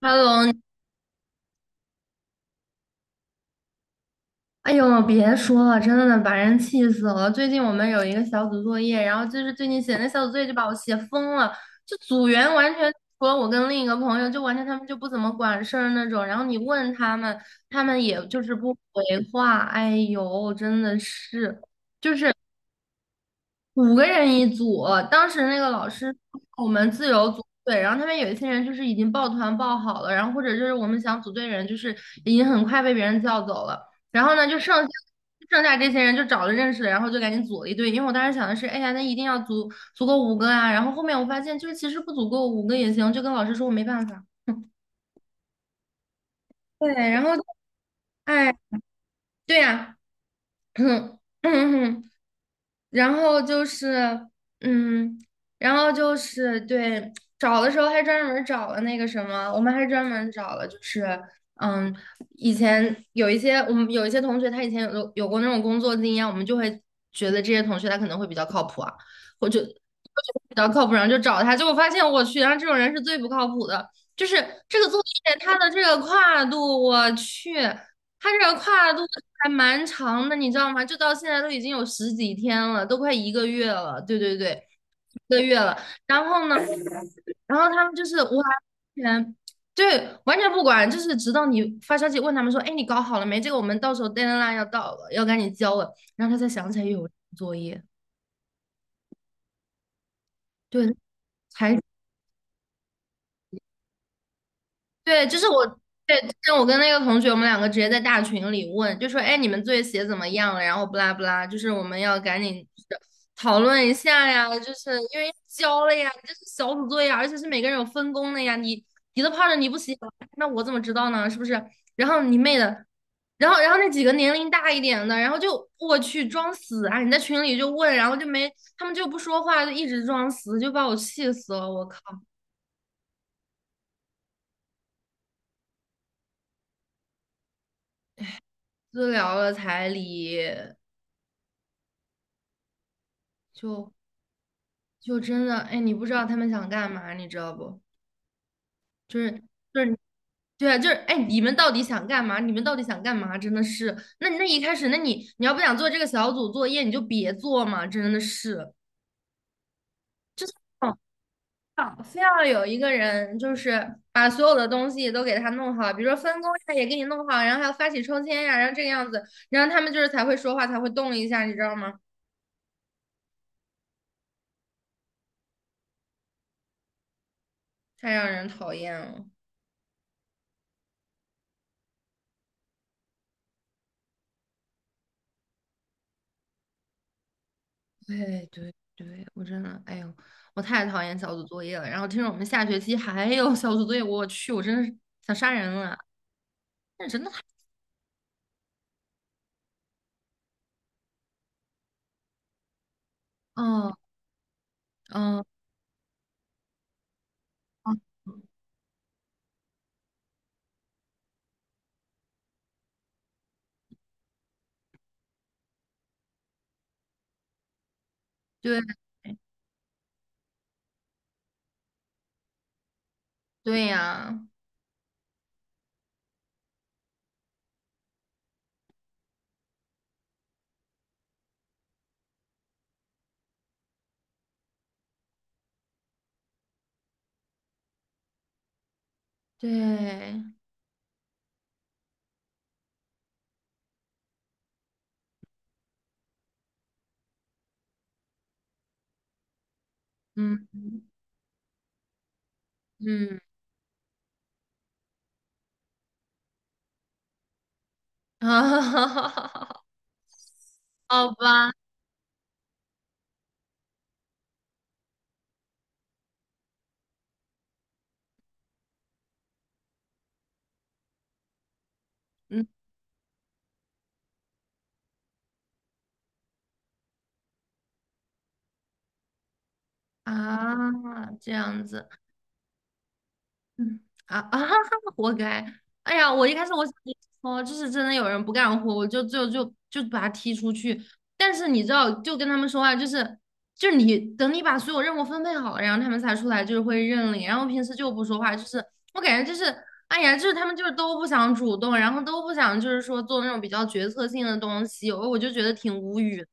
h e 哎呦，别说了，真的把人气死了。最近我们有一个小组作业，然后就是最近写那小组作业就把我写疯了，就组员完全除了我跟另一个朋友，就完全他们就不怎么管事儿那种。然后你问他们，他们也就是不回话。哎呦，真的是。5个人一组，当时那个老师我们自由组队，然后他们有一些人就是已经抱团抱好了，然后或者就是我们想组队的人就是已经很快被别人叫走了，然后呢就剩下这些人就找了认识的，然后就赶紧组了一队，因为我当时想的是，哎呀，那一定要组足够五个啊，然后后面我发现就是其实不足够5个也行，就跟老师说我没办法，对，然后哎，对呀。然后就是，嗯，然后就是对，找的时候还专门儿找了那个什么，我们还专门儿找了，就是，嗯，以前有一些我们有一些同学，他以前有过那种工作经验，我们就会觉得这些同学他可能会比较靠谱啊，或者比较靠谱，然后就找他，结果发现我去，然后这种人是最不靠谱的，就是这个作业他的这个跨度，我去。他这个跨度还蛮长的，你知道吗？就到现在都已经有十几天了，都快一个月了。对对对，一个月了。然后呢，然后他们就是完全对，完全不管，就是直到你发消息问他们说："哎，你搞好了没？这个我们到时候 deadline 要到了，要赶紧交了。"然后他才想起来有作业，对，才。对，就是我，对，之前我跟那个同学，我们两个直接在大群里问，就说，哎，你们作业写怎么样了？然后不拉不拉，就是我们要赶紧就是讨论一下呀，就是因为交了呀，这是小组作业啊，而且是每个人有分工的呀，你都泡着你不写，那我怎么知道呢？是不是？然后你妹的，然后那几个年龄大一点的，然后就我去装死啊！你在群里就问，然后就没，他们就不说话，就一直装死，就把我气死了，我靠，私聊了彩礼就。就真的，哎，你不知道他们想干嘛，你知道不？就是就是对啊，就是哎，你们到底想干嘛？你们到底想干嘛？真的是，那一开始，那你要不想做这个小组作业，你就别做嘛，真的是。嗯，好非要有一个人，就是把所有的东西都给他弄好，比如说分工呀也给你弄好，然后还要发起抽签呀，然后这个样子，然后他们就是才会说话，才会动一下，你知道吗？太让人讨厌了。对对对，我真的，哎呦，我太讨厌小组作业了。然后听说我们下学期还有小组作业，我去，我真是想杀人了。那真的太……嗯嗯，嗯对对呀，对，嗯嗯，啊，哈哈哈好吧，嗯啊，这样子。嗯啊啊，活该！哎呀，我一开始我想跟你说，就是真的有人不干活，我就把他踢出去。但是你知道，就跟他们说话，就是你等你把所有任务分配好了，然后他们才出来，就是会认领。然后平时就不说话，就是我感觉就是，哎呀，就是他们就是都不想主动，然后都不想就是说做那种比较决策性的东西，我就觉得挺无语。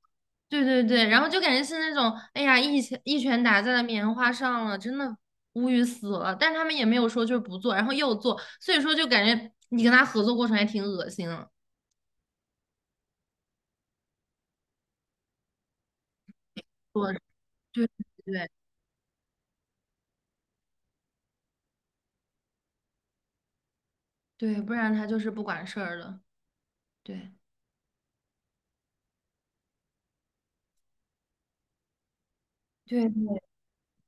对对对，然后就感觉是那种，哎呀，一拳一拳打在了棉花上了，真的无语死了。但是他们也没有说就是不做，然后又做，所以说就感觉你跟他合作过程还挺恶心的。我对对对，不然他就是不管事儿的。对对对，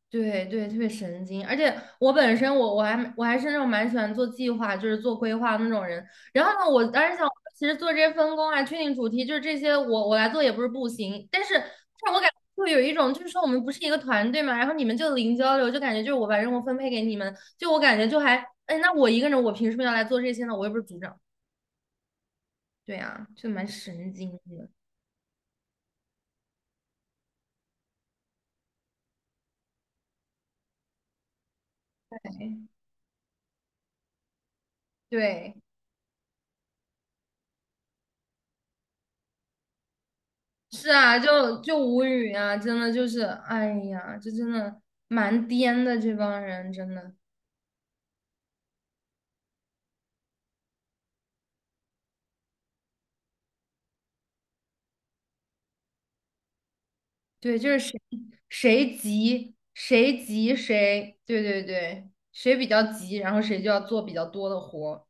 对对，特别神经，而且我本身我还是那种蛮喜欢做计划，就是做规划的那种人。然后呢，我当时想，其实做这些分工啊、确定主题，就是这些我来做也不是不行，但是我感觉就有一种，就是说我们不是一个团队嘛，然后你们就零交流，就感觉就是我把任务分配给你们，就我感觉就还，哎，那我一个人我凭什么要来做这些呢？我又不是组长，对啊，就蛮神经的，对。是啊，就无语啊，真的就是，哎呀，这真的蛮颠的，这帮人真的，对，就是谁急谁急谁，对对对，谁比较急，然后谁就要做比较多的活，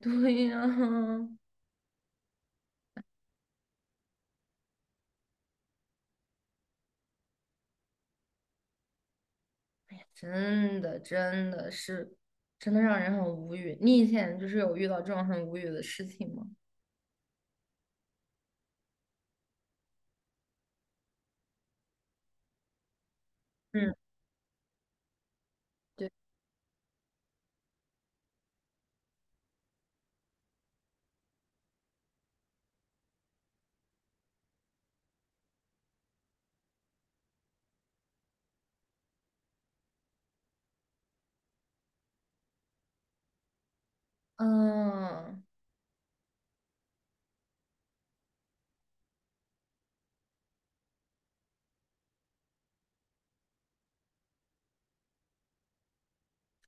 对呀，真的真的是，真的让人很无语。你以前就是有遇到这种很无语的事情吗？嗯，对，嗯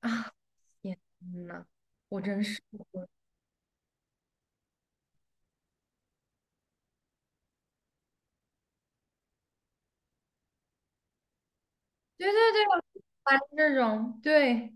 啊，天呐，我真是。对对对，我烦这种，对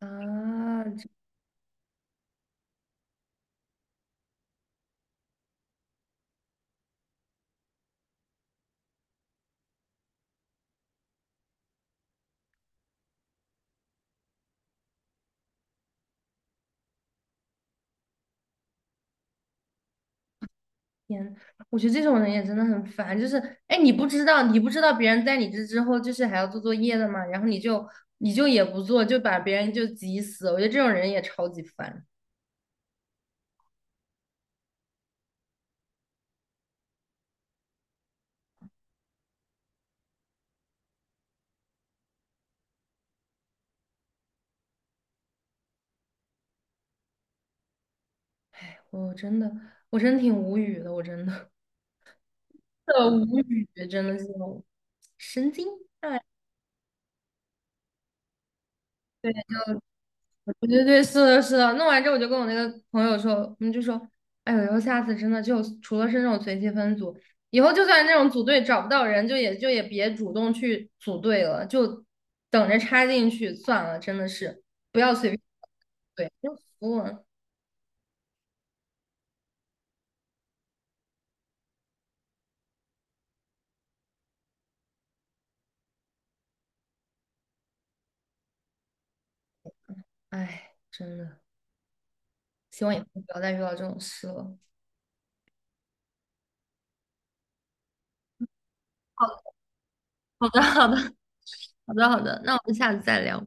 啊，天，我觉得这种人也真的很烦。就是，哎，你不知道，你不知道别人在你这之后，就是还要做作业的嘛，然后你就也不做，就把别人就急死。我觉得这种人也超级烦，我真的，我真挺无语的，我真的，的无语，真的是那种神经。对。我觉得对，是的，是的。弄完之后，我就跟我那个朋友说，我们就说，哎呦，以后下次真的就除了是那种随机分组，以后就算那种组队找不到人，就也别主动去组队了，就等着插进去算了。真的是不要随便对，就服了。哎，真的，希望以后不要再遇到这种事了。好的，好的，好的，好的，那我们下次再聊。